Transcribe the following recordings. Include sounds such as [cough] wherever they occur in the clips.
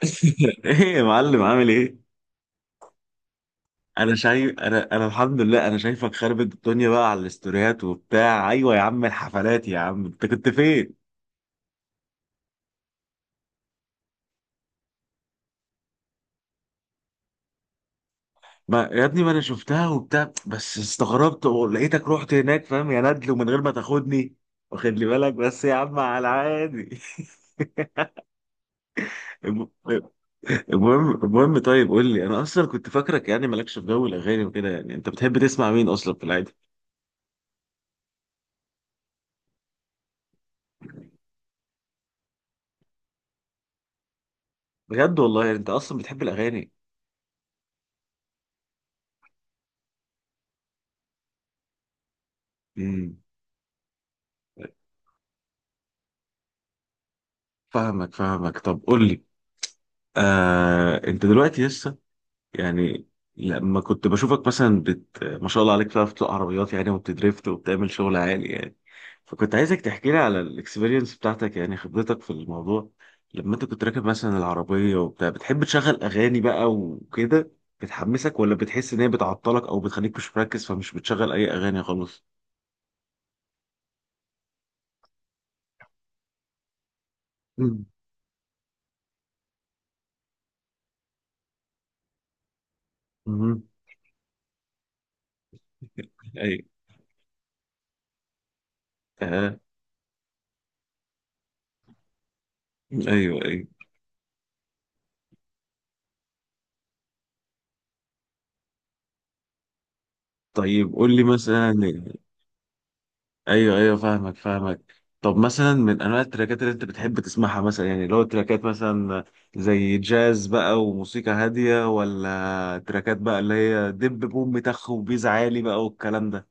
[laughs] ايه يا معلم، عامل ايه؟ انا الحمد لله، انا شايفك خربت الدنيا بقى على الاستوريات وبتاع. ايوه يا عم الحفلات، يا عم انت كنت فين؟ ما يا ابني، ما انا شفتها وبتاع بس استغربت ولقيتك رحت هناك، فاهم يا ندل؟ ومن غير ما تاخدني، واخد لي بالك بس يا عم على العادي. [laughs] الم- المهم طيب قول لي، انا اصلا كنت فاكرك يعني مالكش في جو الاغاني وكده. يعني انت بتحب تسمع مين اصلا في العادي؟ بجد والله، يعني انت اصلا بتحب الاغاني؟ امم فاهمك. طب قول لي، انت دلوقتي لسه يعني، لما كنت بشوفك مثلا ما شاء الله عليك، بتعرف تسوق عربيات يعني وبتدريفت وبتعمل شغل عالي يعني. فكنت عايزك تحكي لي على الاكسبيرينس بتاعتك، يعني خبرتك في الموضوع. لما انت كنت راكب مثلا العربية وبتاع، بتحب تشغل اغاني بقى وكده؟ بتحمسك، ولا بتحس ان هي بتعطلك او بتخليك مش مركز فمش بتشغل اي اغاني خالص؟ مم. مهم. ايوه. آه. ايوه، ايوه. طيب قول لي مثلا. ايوه، ايوه، فاهمك. طب مثلا من انواع التراكات اللي انت بتحب تسمعها مثلا، يعني اللي هو تراكات مثلا زي جاز بقى وموسيقى هاديه، ولا تراكات بقى اللي هي دب بوم تخ وبيز عالي بقى والكلام ده؟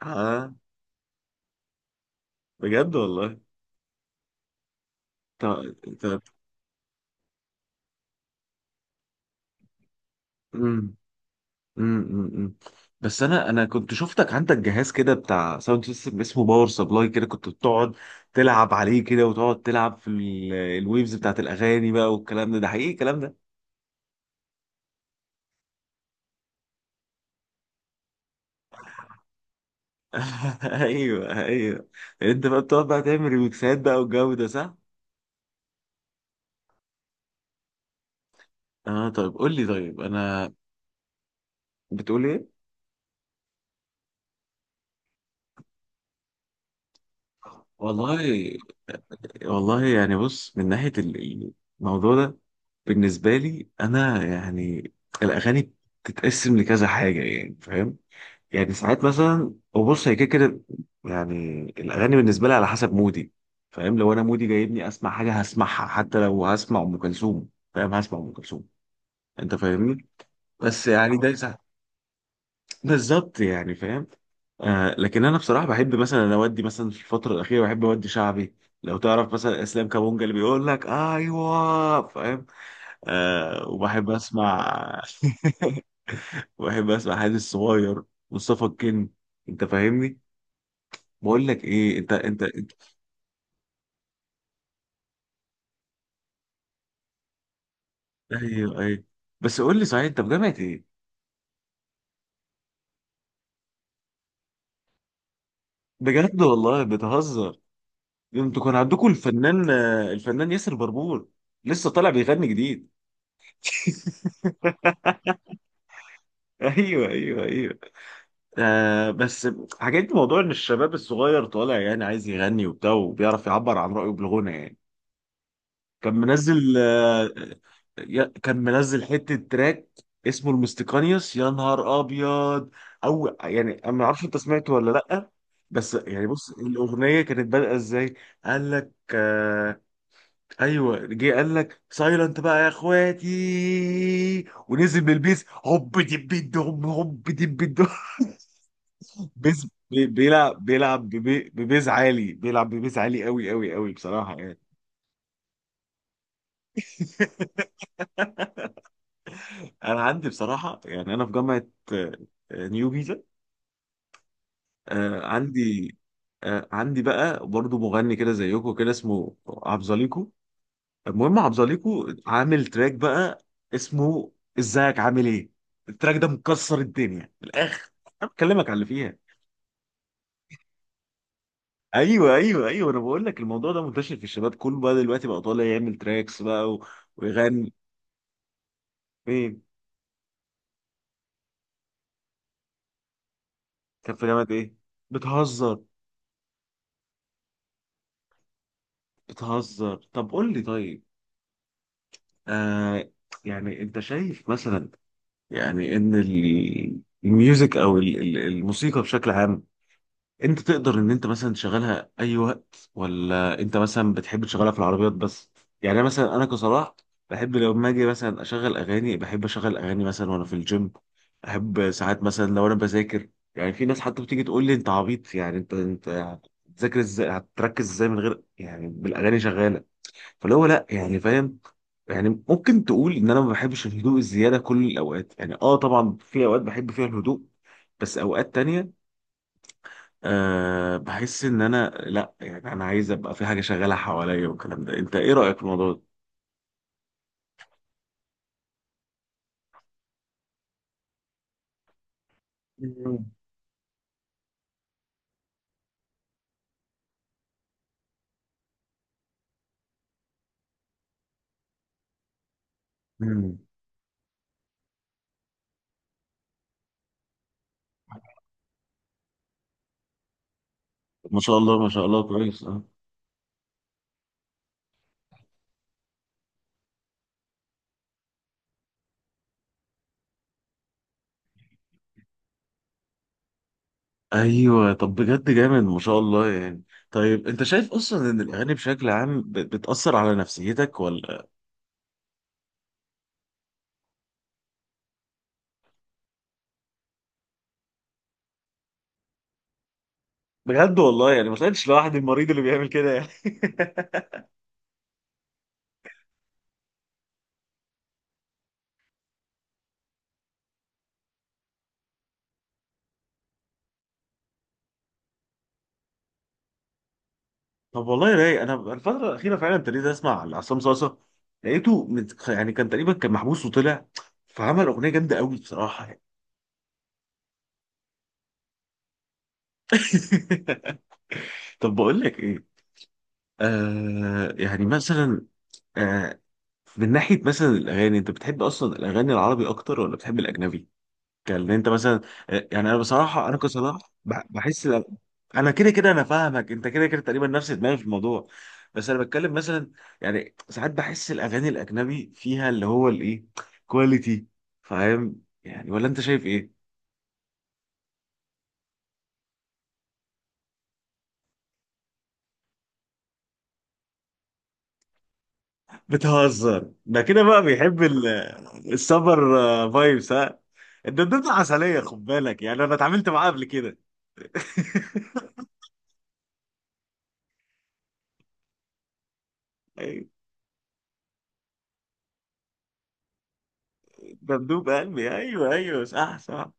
اه. بجد والله. طب. طب امم امم بس انا كنت شفتك عندك جهاز كده بتاع ساوند سيستم اسمه باور سبلاي، كده كنت بتقعد تلعب عليه كده وتقعد تلعب في الويفز بتاعت الاغاني بقى والكلام ده. ده حقيقي الكلام ده؟ [laughs] ايوه، ايوه. انت بقى بتقعد بقى تعمل ريميكسات بقى والجو ده، صح؟ اه طيب، قول لي طيب، انا... بتقول ايه؟ والله، والله يعني بص، من ناحيه الموضوع ده بالنسبه لي انا يعني، الاغاني بتتقسم لكذا حاجه، يعني فاهم؟ يعني ساعات مثلا، وبص هي كده كده، يعني الاغاني بالنسبه لي على حسب مودي، فاهم؟ لو انا مودي جايبني اسمع حاجه هسمعها، حتى لو هسمع ام كلثوم، فاهم؟ هسمع ام كلثوم. انت فاهمني؟ بس يعني ده بالظبط يعني، فاهم. آه، لكن انا بصراحه بحب مثلا، أنا اودي مثلا في الفتره الاخيره بحب اودي شعبي. لو تعرف مثلا اسلام كابونجا اللي بيقول لك ايوه، فاهم؟ آه، وبحب اسمع [laughs] بحب اسمع حادث الصغير، مصطفى الكن، انت فاهمني؟ بقول لك ايه، انت. ايوه، ايوه. بس قول لي صحيح، انت في جامعه ايه؟ بجد والله، بتهزر. انتوا كان عندكم الفنان، الفنان ياسر بربور، لسه طالع بيغني جديد. [laughs] ايوه، ايوه، ايوه. آه بس، حكيت لي موضوع ان الشباب الصغير طالع يعني عايز يغني وبتاع وبيعرف يعبر عن رأيه بالغنى يعني. كان منزل آه كان منزل حتة تراك اسمه المستقانيوس، يا نهار ابيض. او يعني انا ما اعرفش انت سمعته ولا لا. بس يعني بص، الاغنيه كانت بادئه ازاي؟ قال لك ايوه، جه قال لك سايلنت بقى يا اخواتي، ونزل بالبيس هوب دب دب هوب دب دب. بيز بيلعب ببيز عالي، بيلعب ببيز عالي قوي قوي قوي بصراحة يعني. [laughs] انا عندي بصراحة يعني، انا في جامعة آه، نيو جيزة. آه، عندي عندي بقى برضو مغني كده زيكو كده، اسمه عبزاليكو. المهم عبزاليكو عامل تراك بقى اسمه ازيك عامل ايه. التراك ده مكسر الدنيا من الاخر. انا بكلمك على اللي فيها. ايوه، ايوه، ايوه. انا بقول لك الموضوع ده منتشر في الشباب كله بقى دلوقتي، بقى طالع يعمل تراكس بقى و... ويغني. فين؟ كان في جامعة ايه؟ بتهزر. بتهزر. طب قول لي طيب. آه. يعني انت شايف مثلا، يعني ان الميوزك، او الموسيقى بشكل عام، انت تقدر ان انت مثلا تشغلها اي وقت، ولا انت مثلا بتحب تشغلها في العربيات بس؟ يعني مثلا انا كصلاح، بحب لو ما اجي مثلا اشغل اغاني، بحب اشغل اغاني مثلا وانا في الجيم. احب ساعات مثلا لو انا بذاكر، يعني في ناس حتى بتيجي تقول لي انت عبيط، يعني انت هتذاكر ازاي، هتركز ازاي من غير يعني بالاغاني شغاله؟ فاللي هو لا يعني، فاهم؟ يعني ممكن تقول ان انا ما بحبش الهدوء الزياده كل الاوقات، يعني اه طبعا في اوقات بحب فيها الهدوء، بس اوقات تانية أه بحس ان انا لا، يعني انا عايز ابقى في حاجه شغاله حواليا والكلام ده. انت ايه رايك في الموضوع ده؟ مم. مم. ما شاء الله، ما شاء الله كويس. اه. ايوه. طب بجد جامد، ما شاء الله يعني. طيب انت شايف اصلا ان الاغاني بشكل عام بتاثر على نفسيتك ولا؟ بجد والله، يعني ما طلعتش لوحدي المريض اللي بيعمل كده يعني. [laughs] طب والله رايق، انا الفتره الاخيره فعلا ابتديت اسمع عصام صاصا. لقيته يعني كان تقريبا كان محبوس وطلع، فعمل اغنيه جامده قوي بصراحه يعني. [laughs] طب بقول لك ايه، يعني مثلا، آه من ناحيه مثلا الاغاني، انت بتحب اصلا الاغاني العربي اكتر ولا بتحب الاجنبي؟ كان انت مثلا... يعني انا بصراحه، انا كصلاح بحس انا كده كده، انا فاهمك، انت كده كده تقريبا نفس دماغي في الموضوع. بس انا بتكلم مثلا، يعني ساعات بحس الاغاني الاجنبي فيها اللي هو الايه، كواليتي، فاهم يعني؟ ولا انت شايف ايه؟ بتهزر. ده كده بقى بيحب السمر، فايبس ها؟ الدبدوب عسلية خد بالك، يعني انا اتعاملت معاه قبل كده. [laughs] أيوة، دبدوب قلبي، ايوه ايوه صح صح.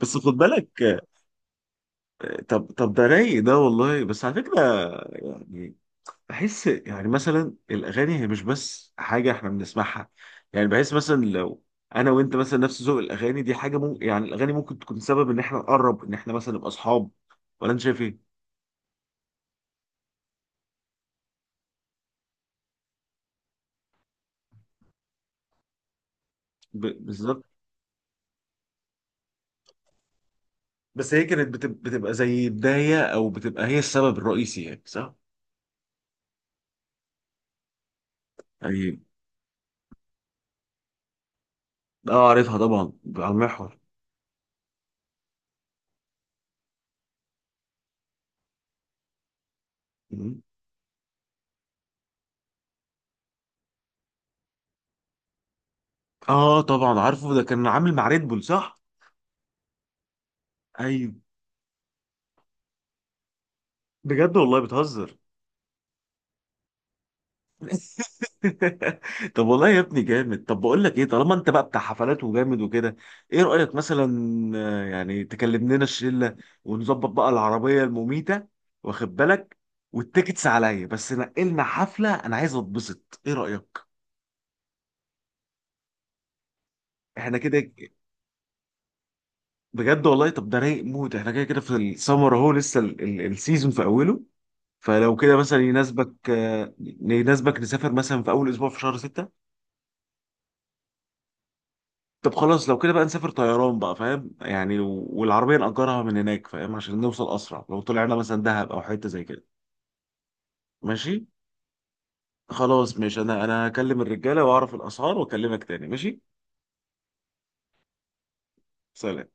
بس خد بالك. طب ده رايق ده والله بس، على فكرة يعني. بحس يعني مثلا الاغاني هي مش بس حاجة احنا بنسمعها، يعني بحس مثلا لو انا وانت مثلا نفس ذوق الاغاني، دي حاجة ممكن يعني الاغاني ممكن تكون سبب ان احنا نقرب، ان احنا مثلا نبقى اصحاب، ولا انت شايف ايه؟ بالظبط. بس هي كانت بتبقى زي بداية، أو بتبقى هي السبب الرئيسي يعني صح؟ يعني اه، عارفها طبعا على المحور. مم. اه طبعا عارفه، ده كان عامل مع ريد بول صح؟ ايوه. بجد والله بتهزر. [laughs] طب والله يا ابني جامد. طب بقول لك ايه، طالما انت بقى بتاع حفلات وجامد وكده، ايه رأيك مثلا، يعني تكلم لنا الشلة ونظبط بقى العربية المميتة، واخد بالك؟ والتيكتس عليا، بس نقلنا حفلة انا عايز اتبسط، ايه رأيك؟ احنا كده ك- بجد والله طب ده رايق موت، احنا كده كده في السمر اهو، لسه السيزون في اوله. فلو كده مثلا يناسبك، يناسبك نسافر مثلا في اول اسبوع في شهر 6؟ طب خلاص لو كده بقى نسافر طيران بقى، فاهم يعني، والعربية نأجرها من هناك فاهم، عشان نوصل اسرع لو طلعنا مثلا دهب او حتة زي كده. ماشي. خلاص ماشي، انا هكلم الرجالة واعرف الاسعار واكلمك تاني، ماشي. سلام.